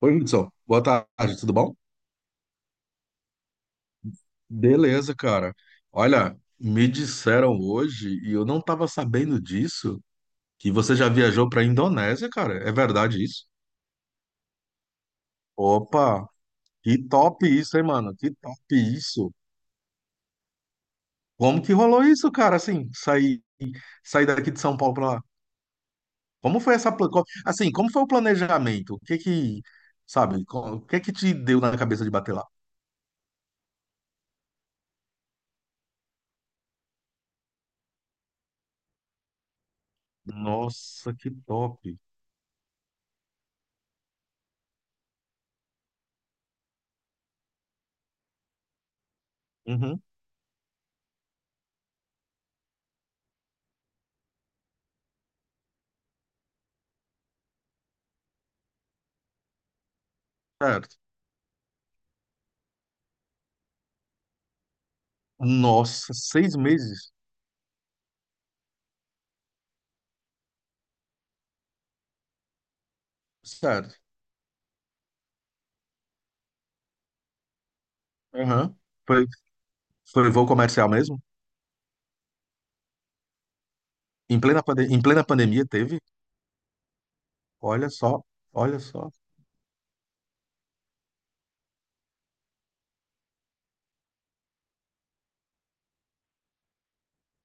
Oi, Hudson. Boa tarde, tudo bom? Beleza, cara. Olha, me disseram hoje, e eu não tava sabendo disso, que você já viajou pra Indonésia, cara. É verdade isso? Opa, que top isso, hein, mano? Que top isso. Como que rolou isso, cara? Assim, sair daqui de São Paulo pra lá. Como foi essa, assim, como foi o planejamento? O que que, sabe, o que que te deu na cabeça de bater lá? Nossa, que top. Uhum, certo. Nossa, seis meses? Certo. Aham. Foi, foi voo comercial mesmo? Em em plena pandemia teve? Olha só, olha só.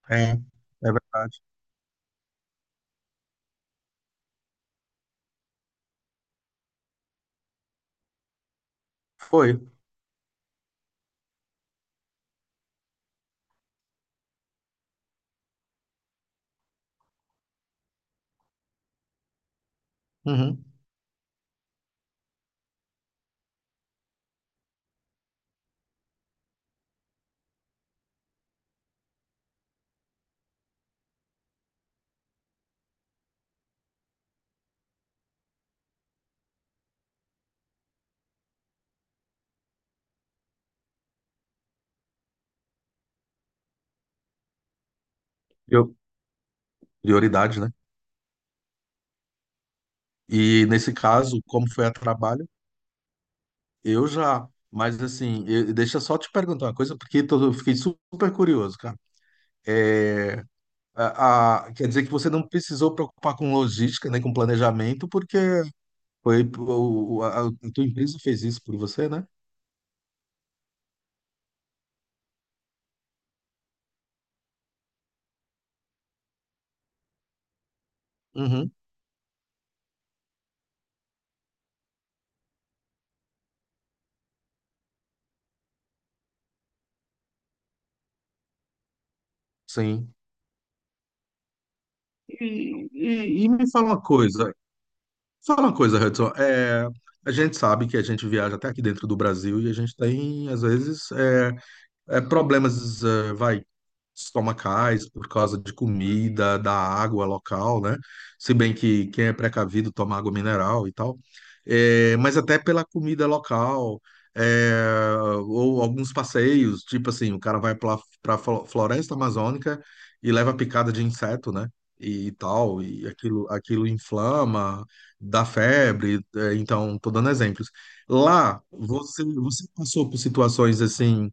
É verdade. Foi. Uhum. Eu, prioridade, né? E nesse caso, como foi a trabalho, eu já. Mas assim, deixa eu só te perguntar uma coisa, porque eu fiquei super curioso, cara. É, quer dizer que você não precisou preocupar com logística, nem com planejamento, porque foi a tua empresa fez isso por você, né? Uhum. Sim. E me fala uma coisa, Hudson. A gente sabe que a gente viaja até aqui dentro do Brasil e a gente tem, às vezes, problemas, vai, estomacais por causa de comida, da água local, né? Se bem que quem é precavido toma água mineral e tal. Mas até pela comida local, eh, ou alguns passeios, tipo assim, o cara vai para a floresta amazônica e leva picada de inseto, né? E, tal, e aquilo, aquilo inflama, dá febre, então, tô dando exemplos. Lá, você passou por situações assim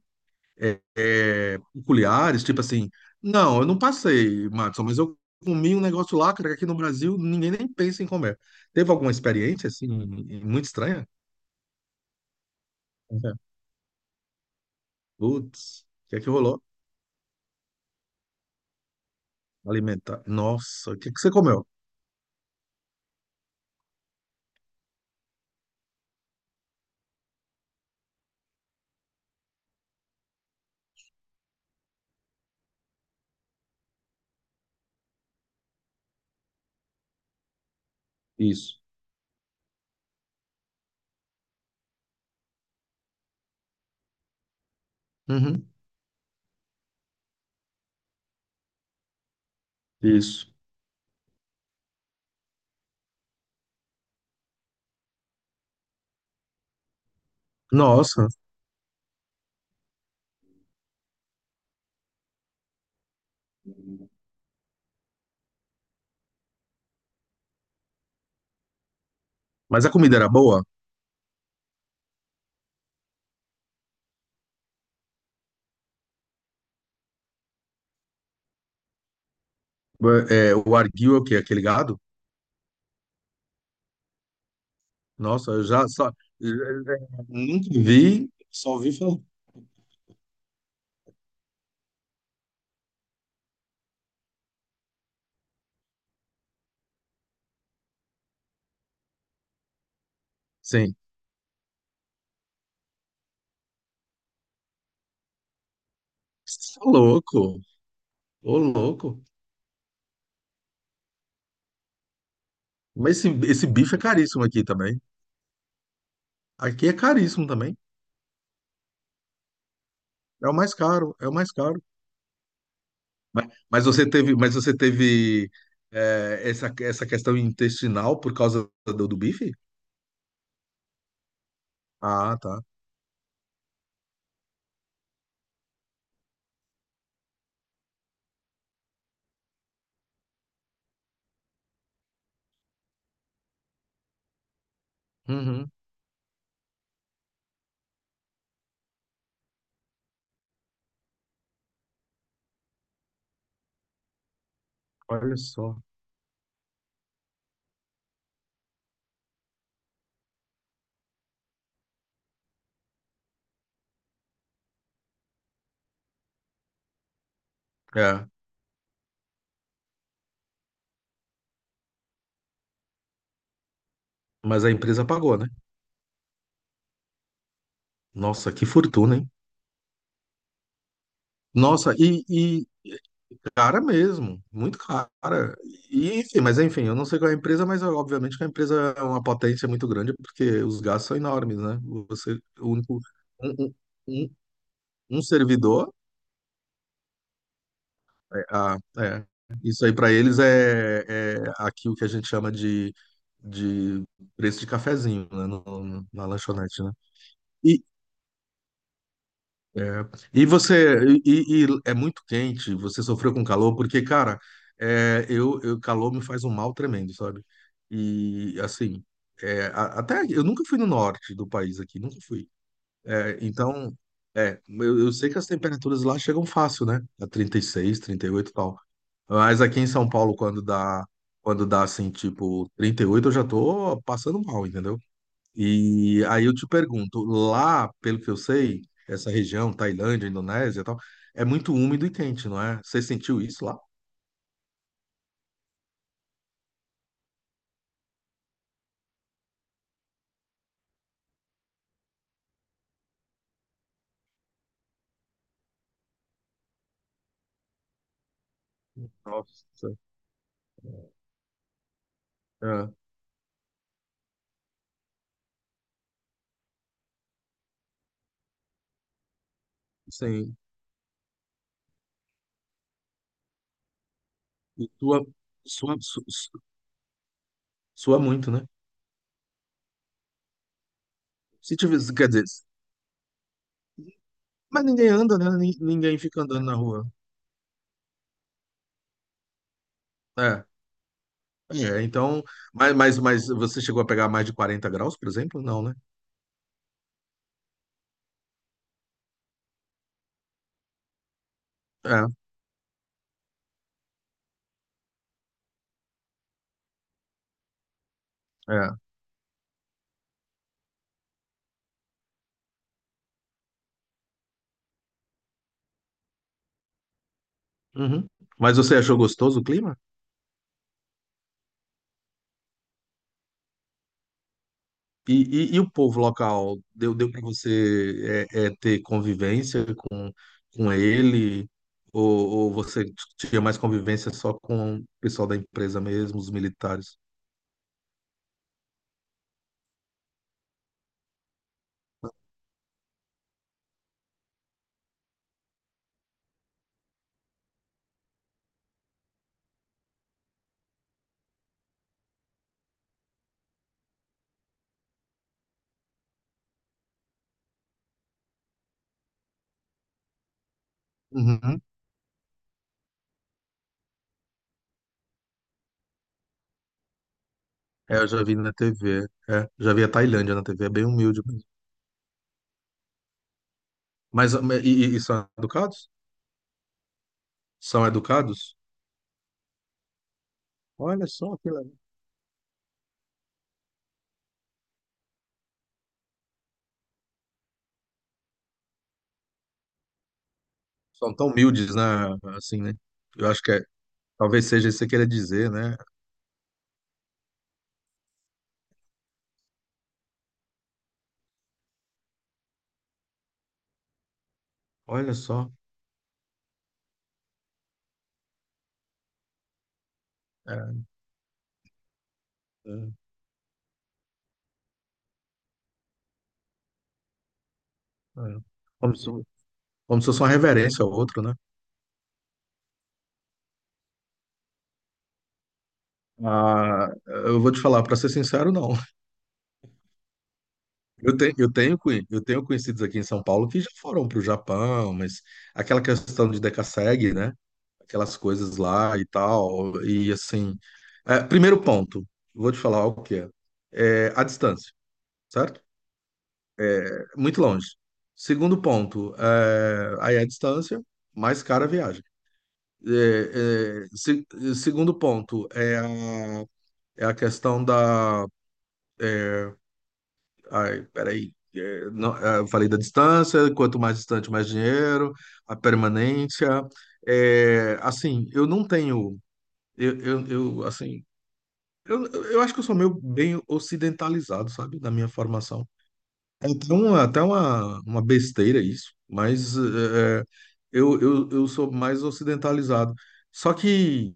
é, peculiares, tipo assim, não, eu não passei, Madison, mas eu comi um negócio lá, cara, que aqui no Brasil ninguém nem pensa em comer. Teve alguma experiência, assim, muito estranha? É. Putz, o que é que rolou? Alimentar. Nossa, o que é que você comeu? Isso. Uhum, isso. Nossa, mas a comida era boa? É, o arguil é o quê? Aquele gado? Nossa, eu já só, nunca vi, só vi falar. Sim. Você é louco, ô louco. Mas esse bife é caríssimo aqui também. Aqui é caríssimo também. É o mais caro, é o mais caro. Mas você teve, mas você teve essa questão intestinal por causa do bife? Ah, tá. Uhum, olha só. É, mas a empresa pagou, né? Nossa, que fortuna, hein? Nossa, e cara mesmo, muito cara. E, enfim, mas enfim, eu não sei qual é a empresa, mas é, obviamente que a empresa é uma potência muito grande, porque os gastos são enormes, né? Você, o único, um, um- um, um servidor, é, a- é, isso aí para eles é aqui o que a gente chama de preço de cafezinho, né, na lanchonete, né? E, é, e você, e é muito quente, você sofreu com calor, porque, cara, eu, calor me faz um mal tremendo, sabe? E, assim, até eu nunca fui no norte do país aqui, nunca fui. É, então, eu sei que as temperaturas lá chegam fácil, né? A 36, 38 e oito e tal. Mas aqui em São Paulo, quando dá assim, tipo 38 eu já tô passando mal, entendeu? E aí eu te pergunto, lá, pelo que eu sei, essa região, Tailândia, Indonésia e tal, é muito úmido e quente, não é? Você sentiu isso lá? Nossa. É, sim. E tua, sua, su- Sua muito, né? Se tiver, quer dizer, mas ninguém anda, né? Ninguém fica andando na rua. É. É, então, mas você chegou a pegar mais de 40 graus, por exemplo? Não, né? É, é. Uhum. Mas você achou gostoso o clima? E o povo local? Deu para você ter convivência com ele? Ou você tinha mais convivência só com o pessoal da empresa mesmo, os militares? Uhum. É, eu já vi na TV. É, já vi a Tailândia na TV, é bem humilde. Mas e são educados? São educados? Olha só que legal. São tão humildes, né? Assim, né? Eu acho que talvez seja isso que você queira dizer, né? Olha só. É, é, é. Como se, como se fosse uma reverência ao outro, né? Ah, eu vou te falar, para ser sincero, não. Eu tenho, eu tenho conhecidos aqui em São Paulo que já foram para o Japão, mas aquela questão de Decasseg, né? Aquelas coisas lá e tal. E assim. É, primeiro ponto, vou te falar o que é. É a distância, certo? É muito longe. Segundo ponto, é, aí a distância, mais cara a viagem. É, é, se- segundo ponto, é a, é a questão da... Ai, peraí. É, não, é, eu falei da distância, quanto mais distante, mais dinheiro, a permanência. É, assim, eu não tenho. Assim, eu acho que eu sou meio bem ocidentalizado, sabe, da minha formação. É até uma, uma besteira isso, mas eu sou mais ocidentalizado. Só que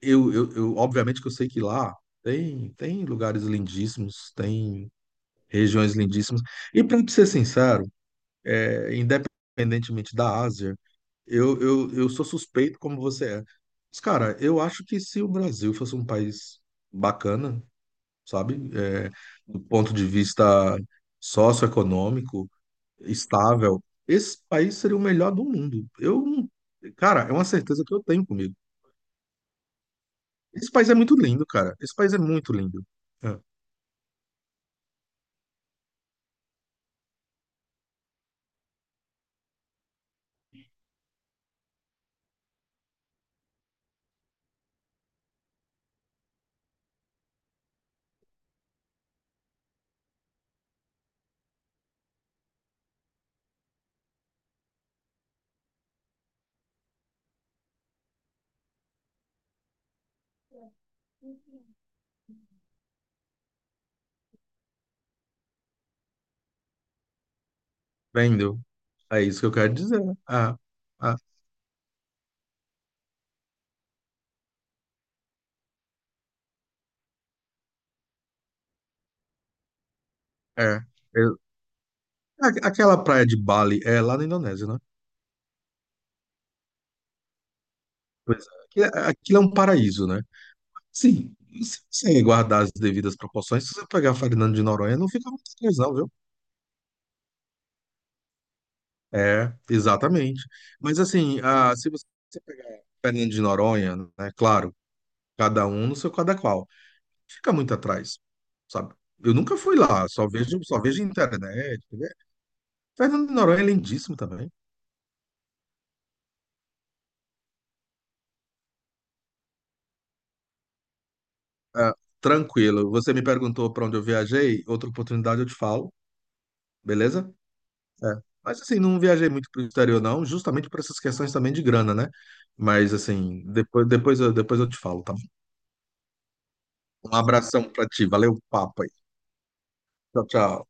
eu, obviamente que eu sei que lá tem, tem lugares lindíssimos, tem regiões lindíssimas. E para ser sincero, independentemente da Ásia, eu sou suspeito como você é. Mas, cara, eu acho que se o Brasil fosse um país bacana, sabe? É, do ponto de vista socioeconômico, estável, esse país seria o melhor do mundo. Eu, não- cara, é uma certeza que eu tenho comigo. Esse país é muito lindo, cara. Esse país é muito lindo. É, entendeu? É isso que eu quero dizer. Ah, ah, é. Aquela praia de Bali é lá na Indonésia, né? Pois é. Aquilo é um paraíso, né? Sim, se você guardar as devidas proporções, se você pegar Fernando de Noronha, não fica muito atrás, não, viu? É, exatamente. Mas assim, ah, se você pegar Fernando de Noronha, né? Claro, cada um no seu cada qual, fica muito atrás, sabe? Eu nunca fui lá, só vejo internet, né? Fernando de Noronha é lindíssimo também. Ah, tranquilo. Você me perguntou para onde eu viajei, outra oportunidade eu te falo, beleza? É. Mas assim, não viajei muito para o exterior, não, justamente por essas questões também de grana, né? Mas assim, depois eu te falo, tá bom? Um abração para ti, valeu o papo aí. Tchau, tchau.